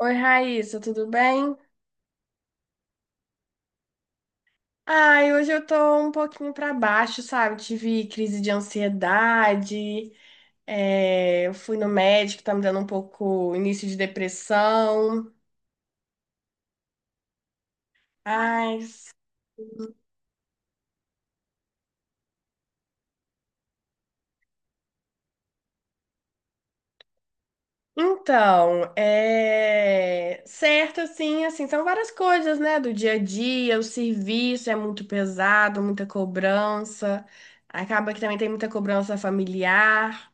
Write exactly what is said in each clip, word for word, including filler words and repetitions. Oi, Raíssa, tudo bem? Ai, hoje eu tô um pouquinho pra baixo, sabe? Tive crise de ansiedade, é, eu fui no médico, tá me dando um pouco início de depressão. Ai, então, é certo, assim, assim, são várias coisas, né? Do dia a dia, o serviço é muito pesado, muita cobrança. Acaba que também tem muita cobrança familiar.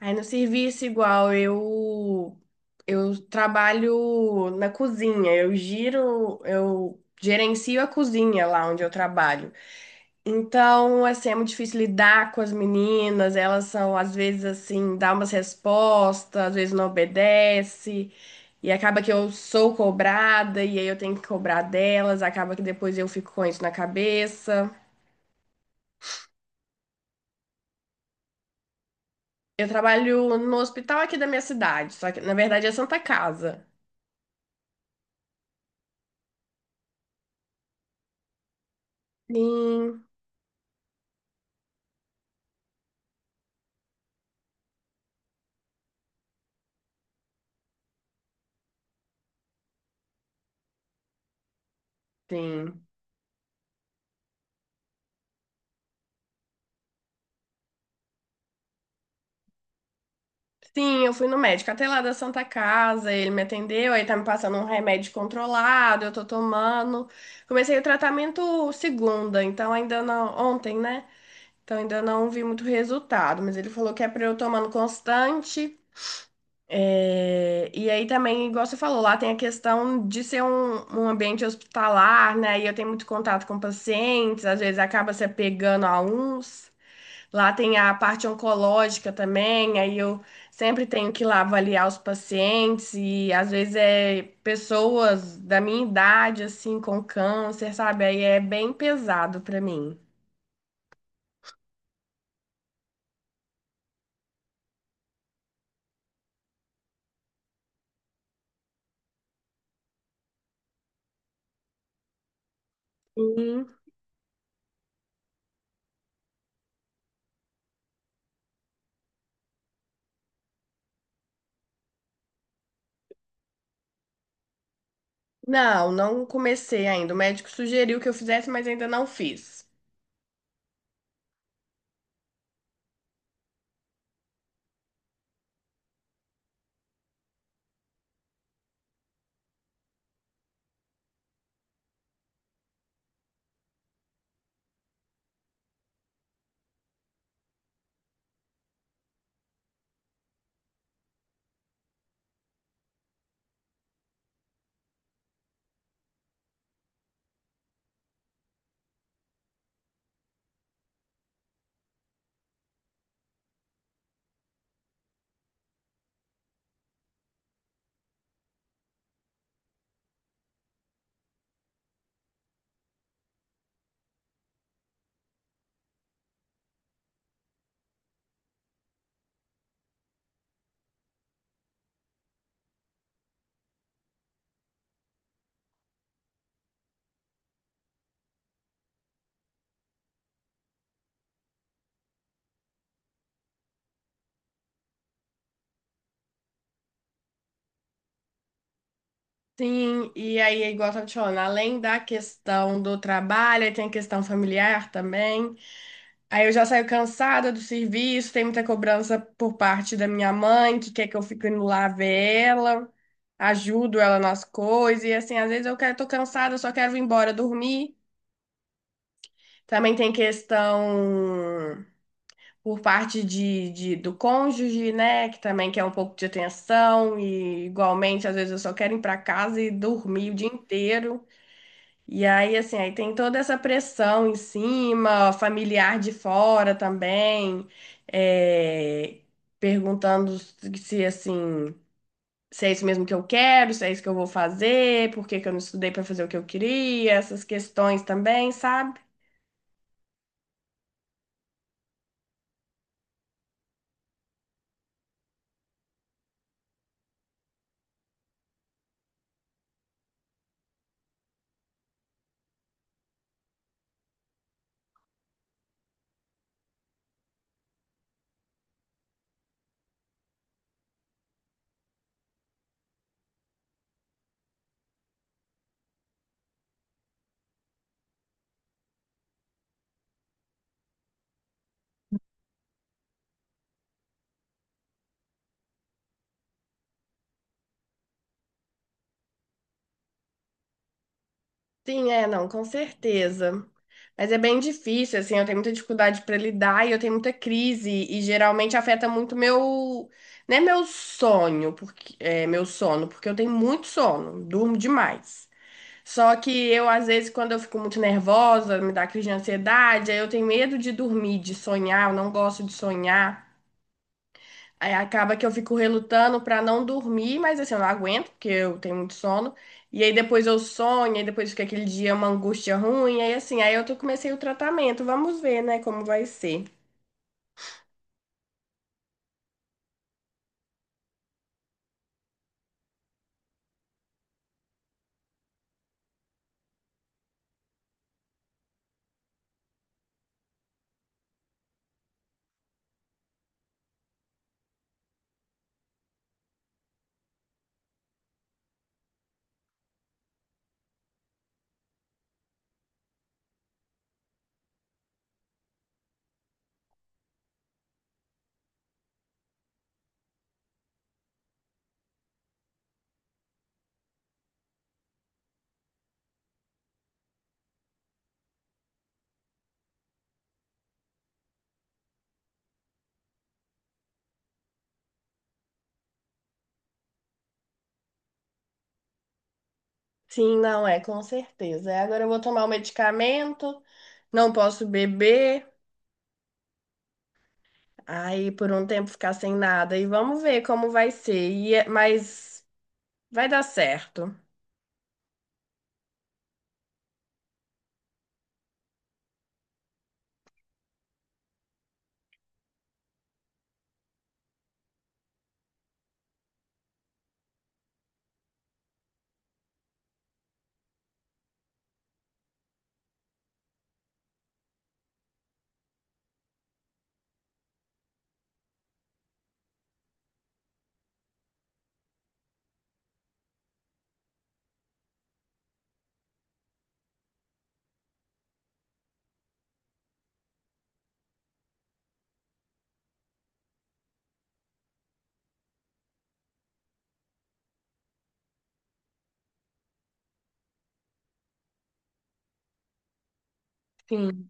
Aí no serviço igual, eu eu trabalho na cozinha, eu giro, eu gerencio a cozinha lá onde eu trabalho. Então, assim, é muito difícil lidar com as meninas, elas são às vezes assim, dá umas respostas, às vezes não obedece. E acaba que eu sou cobrada, e aí eu tenho que cobrar delas, acaba que depois eu fico com isso na cabeça. Eu trabalho no hospital aqui da minha cidade, só que na verdade é Santa Casa. Sim. Sim. Sim, eu fui no médico até lá da Santa Casa, ele me atendeu, aí tá me passando um remédio controlado, eu tô tomando. Comecei o tratamento segunda, então ainda não, ontem, né? Então ainda não vi muito resultado, mas ele falou que é pra eu tomando constante. é, E aí também, igual você falou, lá tem a questão de ser um, um ambiente hospitalar, né? E eu tenho muito contato com pacientes, às vezes acaba se apegando a uns. Lá tem a parte oncológica também, aí eu sempre tenho que ir lá avaliar os pacientes e às vezes é pessoas da minha idade assim com câncer, sabe? Aí é bem pesado pra mim. Hum. Não, não comecei ainda. O médico sugeriu que eu fizesse, mas ainda não fiz. Sim, e aí, é igual eu tava te falando, além da questão do trabalho, aí tem a questão familiar também. Aí eu já saio cansada do serviço, tem muita cobrança por parte da minha mãe, que quer que eu fique indo lá ver ela, ajudo ela nas coisas, e assim, às vezes eu quero, tô cansada, só quero ir embora dormir. Também tem questão por parte de, de- do cônjuge, né, que também quer um pouco de atenção, e igualmente, às vezes eu só quero ir para casa e dormir o dia inteiro. E aí, assim, aí tem toda essa pressão em cima, familiar de fora também, é, perguntando se, assim, se é isso mesmo que eu quero, se é isso que eu vou fazer, por que que eu não estudei para fazer o que eu queria, essas questões também, sabe? Sim, é, não, com certeza. Mas é bem difícil, assim, eu tenho muita dificuldade para lidar e eu tenho muita crise e geralmente afeta muito meu, né, meu sonho, porque é meu sono, porque eu tenho muito sono, durmo demais. Só que eu às vezes quando eu fico muito nervosa, me dá crise de ansiedade, aí eu tenho medo de dormir, de sonhar, eu não gosto de sonhar. Aí acaba que eu fico relutando pra não dormir, mas assim, eu não aguento, porque eu tenho muito sono. E aí depois eu sonho, e depois fica aquele dia uma angústia ruim, aí assim, aí eu tô, comecei o tratamento. Vamos ver, né, como vai ser. Sim, não é, com certeza. Aí agora eu vou tomar o medicamento, não posso beber, aí por um tempo ficar sem nada e vamos ver como vai ser. E é- mas vai dar certo. Sim.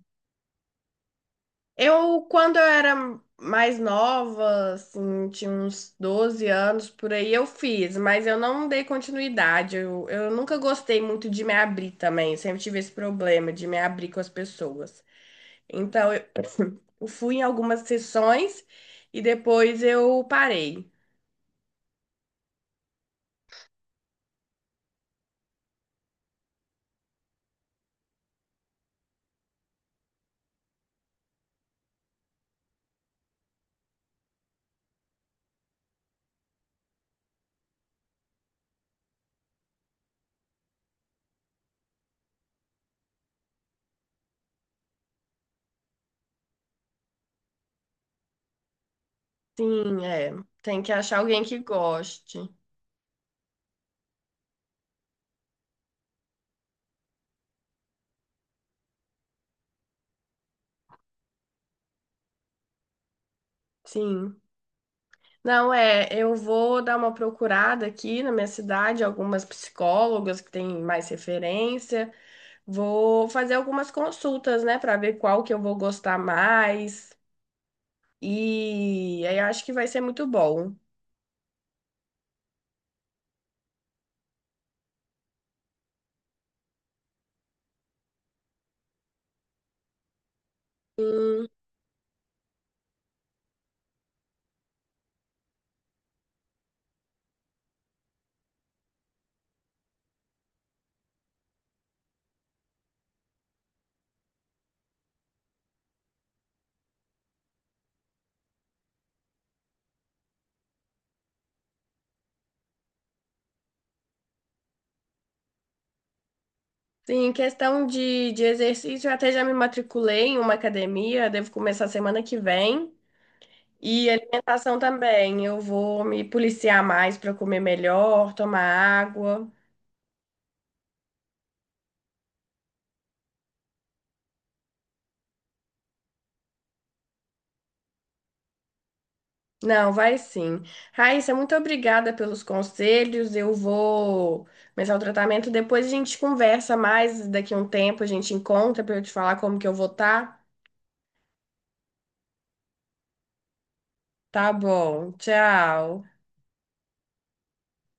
Eu, quando eu era mais nova, assim, tinha uns doze anos por aí, eu fiz, mas eu não dei continuidade. Eu, eu nunca gostei muito de me abrir também. Eu sempre tive esse problema de me abrir com as pessoas. Então, eu fui em algumas sessões e depois eu parei. Sim, é. Tem que achar alguém que goste. Sim. Não, é, eu vou dar uma procurada aqui na minha cidade, algumas psicólogas que têm mais referência. Vou fazer algumas consultas, né, para ver qual que eu vou gostar mais. E aí eu acho que vai ser muito bom. Hum. Sim, em questão de, de exercício, eu até já me matriculei em uma academia, devo começar semana que vem. E alimentação também, eu vou me policiar mais para comer melhor, tomar água. Não, vai sim. Raíssa, muito obrigada pelos conselhos. Eu vou começar o tratamento. Depois a gente conversa mais. Daqui a um tempo a gente encontra para eu te falar como que eu vou estar. Tá bom. Tchau.